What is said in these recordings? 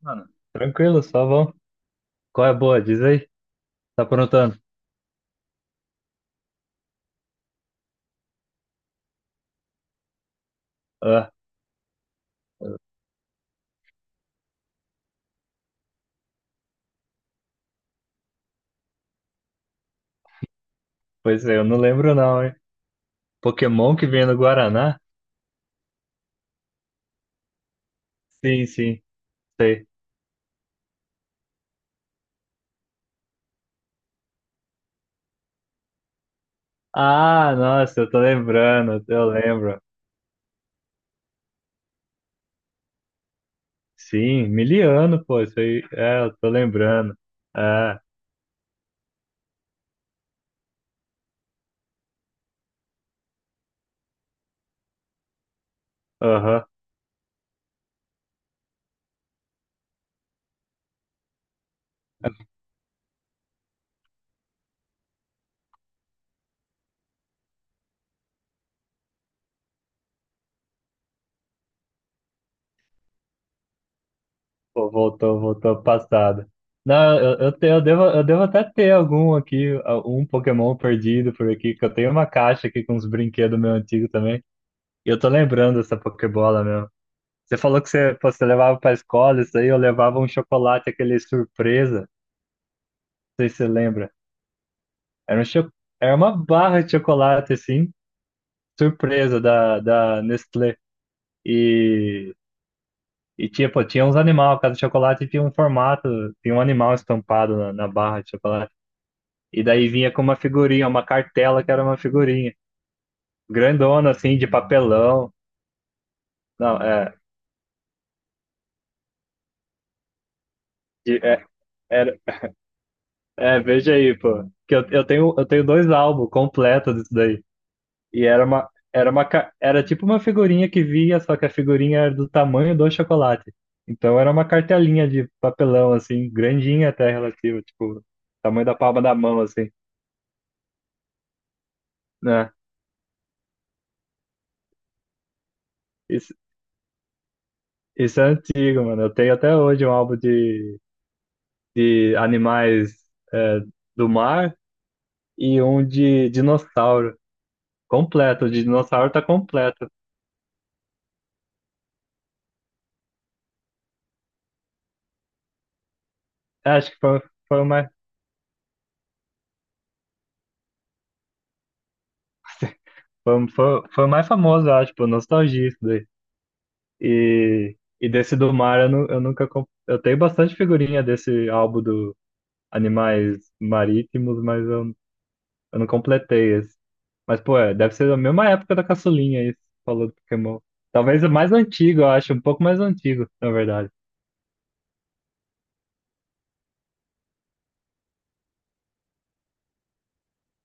Mano, tranquilo, só vão. Qual é a boa? Diz aí. Tá aprontando? Ah, pois é, eu não lembro não, hein? Pokémon que vem no Guaraná? Sim, sim, sei. Ah, nossa, eu tô lembrando, eu lembro. Sim, miliano, pô, isso aí. É, eu tô lembrando. É, aham. Pô, voltou, voltou pro passado. Não, eu devo até ter algum aqui, um Pokémon perdido por aqui, que eu tenho uma caixa aqui com uns brinquedos meu antigo também. E eu tô lembrando dessa Pokébola mesmo. Você falou que você levava para a escola, isso aí eu levava um chocolate, aquele surpresa, não sei se você lembra. Era, um cho... Era uma barra de chocolate, assim, surpresa da Nestlé. E, e tipo, tinha uns animais, cada chocolate tinha um formato, tinha um animal estampado na barra de chocolate. E daí vinha com uma figurinha, uma cartela que era uma figurinha grandona, assim, de papelão. Não, de- é, era, veja aí, pô, que eu tenho dois álbuns completos disso daí. E era tipo uma figurinha que via, só que a figurinha era do tamanho do chocolate. Então era uma cartelinha de papelão, assim, grandinha até relativa, tipo, tamanho da palma da mão, assim, né? Isso, isso é antigo, mano. Eu tenho até hoje um álbum de animais é, do mar e um de dinossauro. Completo, o de dinossauro tá completo. É, acho que foi, foi o mais, foi o mais famoso, eu acho, por nostalgia isso daí. E, e desse do mar eu nunca. Eu tenho bastante figurinha desse álbum do Animais Marítimos, mas eu não completei esse. Mas, pô, deve ser da mesma época da caçulinha isso, falou do Pokémon. Talvez o mais antigo, eu acho, um pouco mais antigo, na verdade.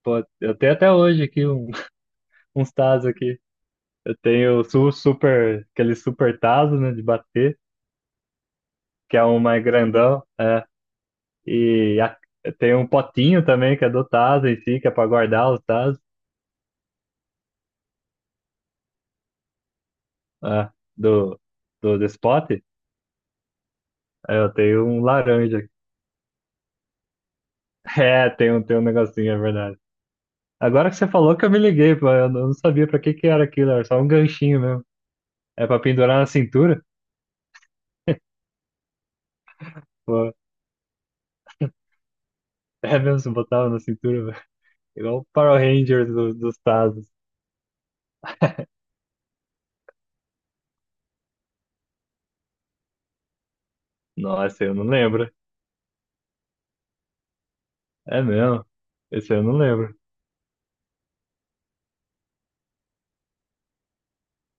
Pô, eu tenho até hoje aqui uns Tazos aqui. Eu tenho o su super, aquele super Tazo, né, de bater, que é um mais grandão, é. E a- eu tenho um potinho também, que é do Tazo em si, que é pra guardar os Tazos. Ah, do, do spot? É, eu tenho um laranja. É, tem um negocinho, é verdade. Agora que você falou que eu me liguei, pô, eu não sabia pra que que era aquilo, era só um ganchinho mesmo. É pra pendurar na cintura? Pô, é mesmo, você botava na cintura, velho. Igual o Power Rangers dos Tazos. Nossa, eu não lembro. É mesmo, esse eu não lembro.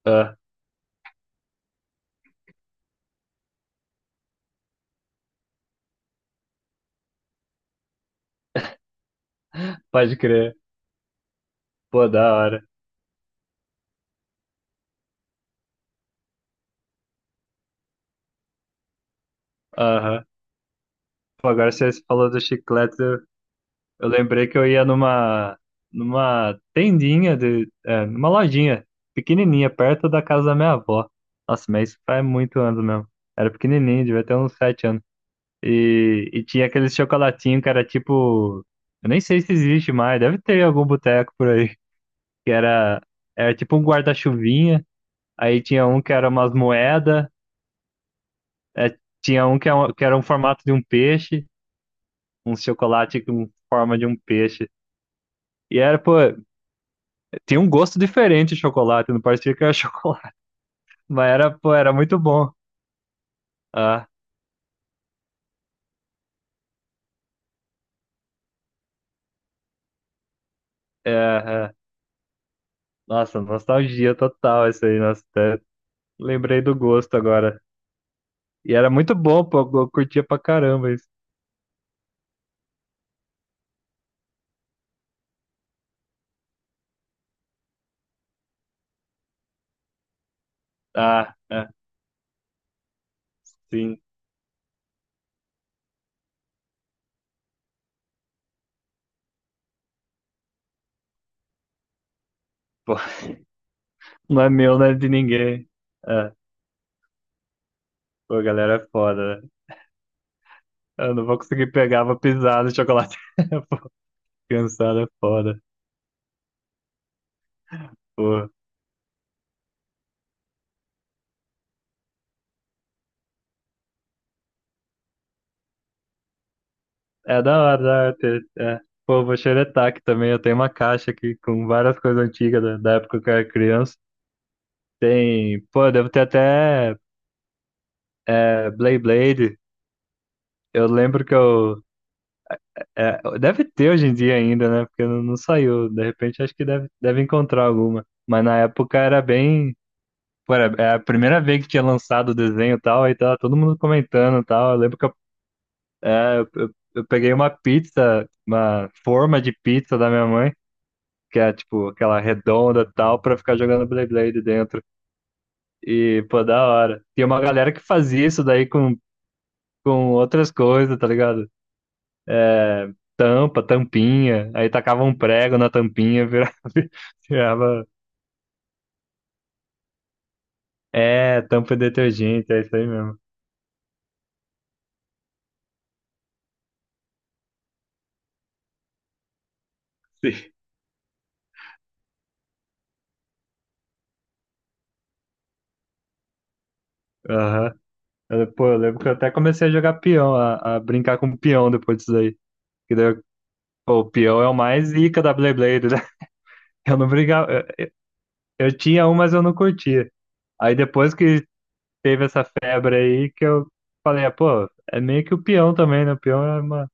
Ah, pode crer. Pô, da hora. Aham. Pô, agora você falou do chiclete, eu lembrei que eu ia numa tendinha numa lojinha pequenininha perto da casa da minha avó. Nossa, mas isso faz muito anos mesmo. Era pequenininho, devia ter uns 7 anos. E tinha aquele chocolatinho que era tipo, eu nem sei se existe mais, deve ter em algum boteco por aí, que era tipo um guarda-chuvinha. Aí tinha um que era umas moedas, é, tinha um que era, que era um formato de um peixe, um chocolate com forma de um peixe. E pô, tinha um gosto diferente de chocolate, não parecia que era chocolate. Mas era, pô, era muito bom. Ah, é, é. Nossa, nostalgia total isso aí. Nossa. Lembrei do gosto agora. E era muito bom, pô, eu curtia pra caramba isso. Ah, é, sim. Pô, não é meu, não é de ninguém. É, pô, galera, é foda, né? Eu não vou conseguir pegar, vou pisar no chocolate. Pô, cansado é foda. Pô. É da hora, da hora. É. Pô, vou xeretar aqui também. Eu tenho uma caixa aqui com várias coisas antigas da época que eu era criança. Tem, pô, devo ter até, Blade Blade. Eu lembro que eu. É, deve ter hoje em dia ainda, né? Porque não, não saiu. De repente acho que deve encontrar alguma. Mas na época era bem. Pô, era a primeira vez que tinha lançado o desenho e tal. Aí tava todo mundo comentando e tal. Eu lembro que eu, é, eu peguei uma pizza, uma forma de pizza da minha mãe, que é tipo aquela redonda e tal, pra ficar jogando blade blade dentro. E, pô, da hora. Tem uma galera que fazia isso daí com outras coisas, tá ligado? Tampa, tampinha, aí tacava um prego na tampinha, virava, virava, é, tampa de detergente, é isso aí mesmo. Sim. Aham. Pô, eu lembro que eu até comecei a jogar peão, a brincar com peão depois disso aí. Que daí, pô, o peão é o mais zica da blade Blade, né? Eu não brincava, eu tinha um, mas eu não curtia. Aí depois que teve essa febre aí que eu falei, ah, pô, é meio que o peão também, né? O peão é uma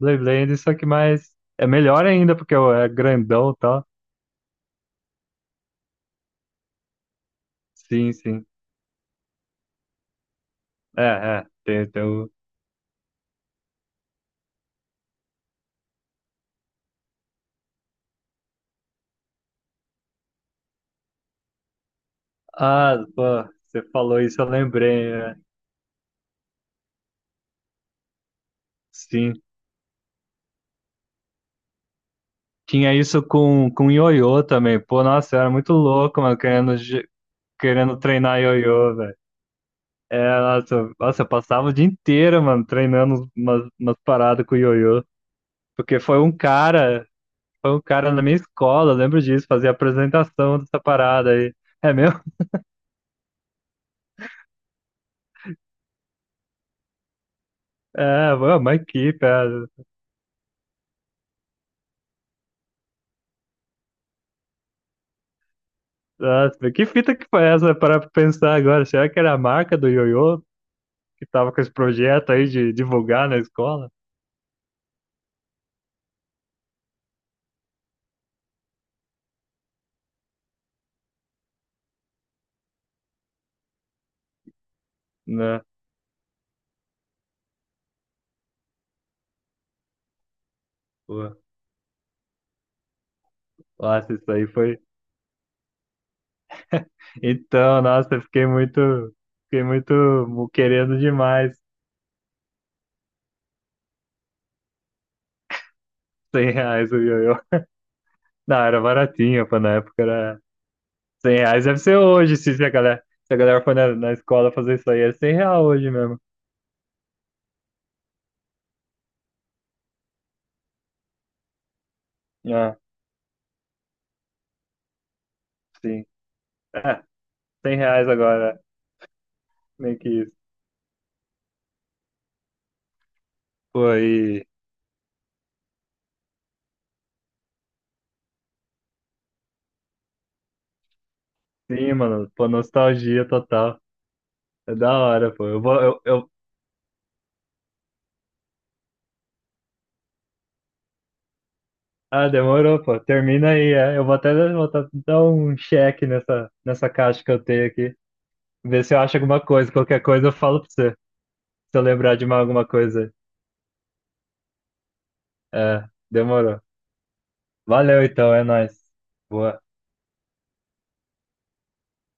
Beyblade, só que mais. É melhor ainda, porque é grandão e tal. Sim, sim. É, é. Tem o... Ah, pô, você falou isso, eu lembrei, né? Sim. Tinha isso com ioiô também. Pô, nossa, eu era muito louco, mano, querendo treinar ioiô, velho. É, nossa, nossa, eu passava o dia inteiro, mano, treinando umas paradas com ioiô. Porque foi um cara. Foi um cara na minha escola, eu lembro disso, fazia apresentação dessa parada aí. É mesmo? É, foi uma equipe. É. Nossa, que fita que foi essa para pensar agora? Será que era a marca do Ioiô que tava com esse projeto aí de divulgar na escola? Né? Pô, nossa, isso aí foi. Então, nossa, eu fiquei muito querendo demais. 100 reais o Ioiô. Não, era baratinho, pô, na época era 100 reais. Deve ser hoje, se a galera, se a galera for na escola fazer isso aí, é 100 real hoje mesmo. Ah, sim. 100 reais agora, meio que isso. Pô, aí. Sim, mano. Pô, nostalgia total. É da hora, pô. Eu vou. Eu. Ah, demorou, pô. Termina aí, é. Eu vou até dar um check nessa caixa que eu tenho aqui. Ver se eu acho alguma coisa. Qualquer coisa eu falo pra você. Se eu lembrar de mais alguma coisa. É, demorou. Valeu então, é nóis. Boa.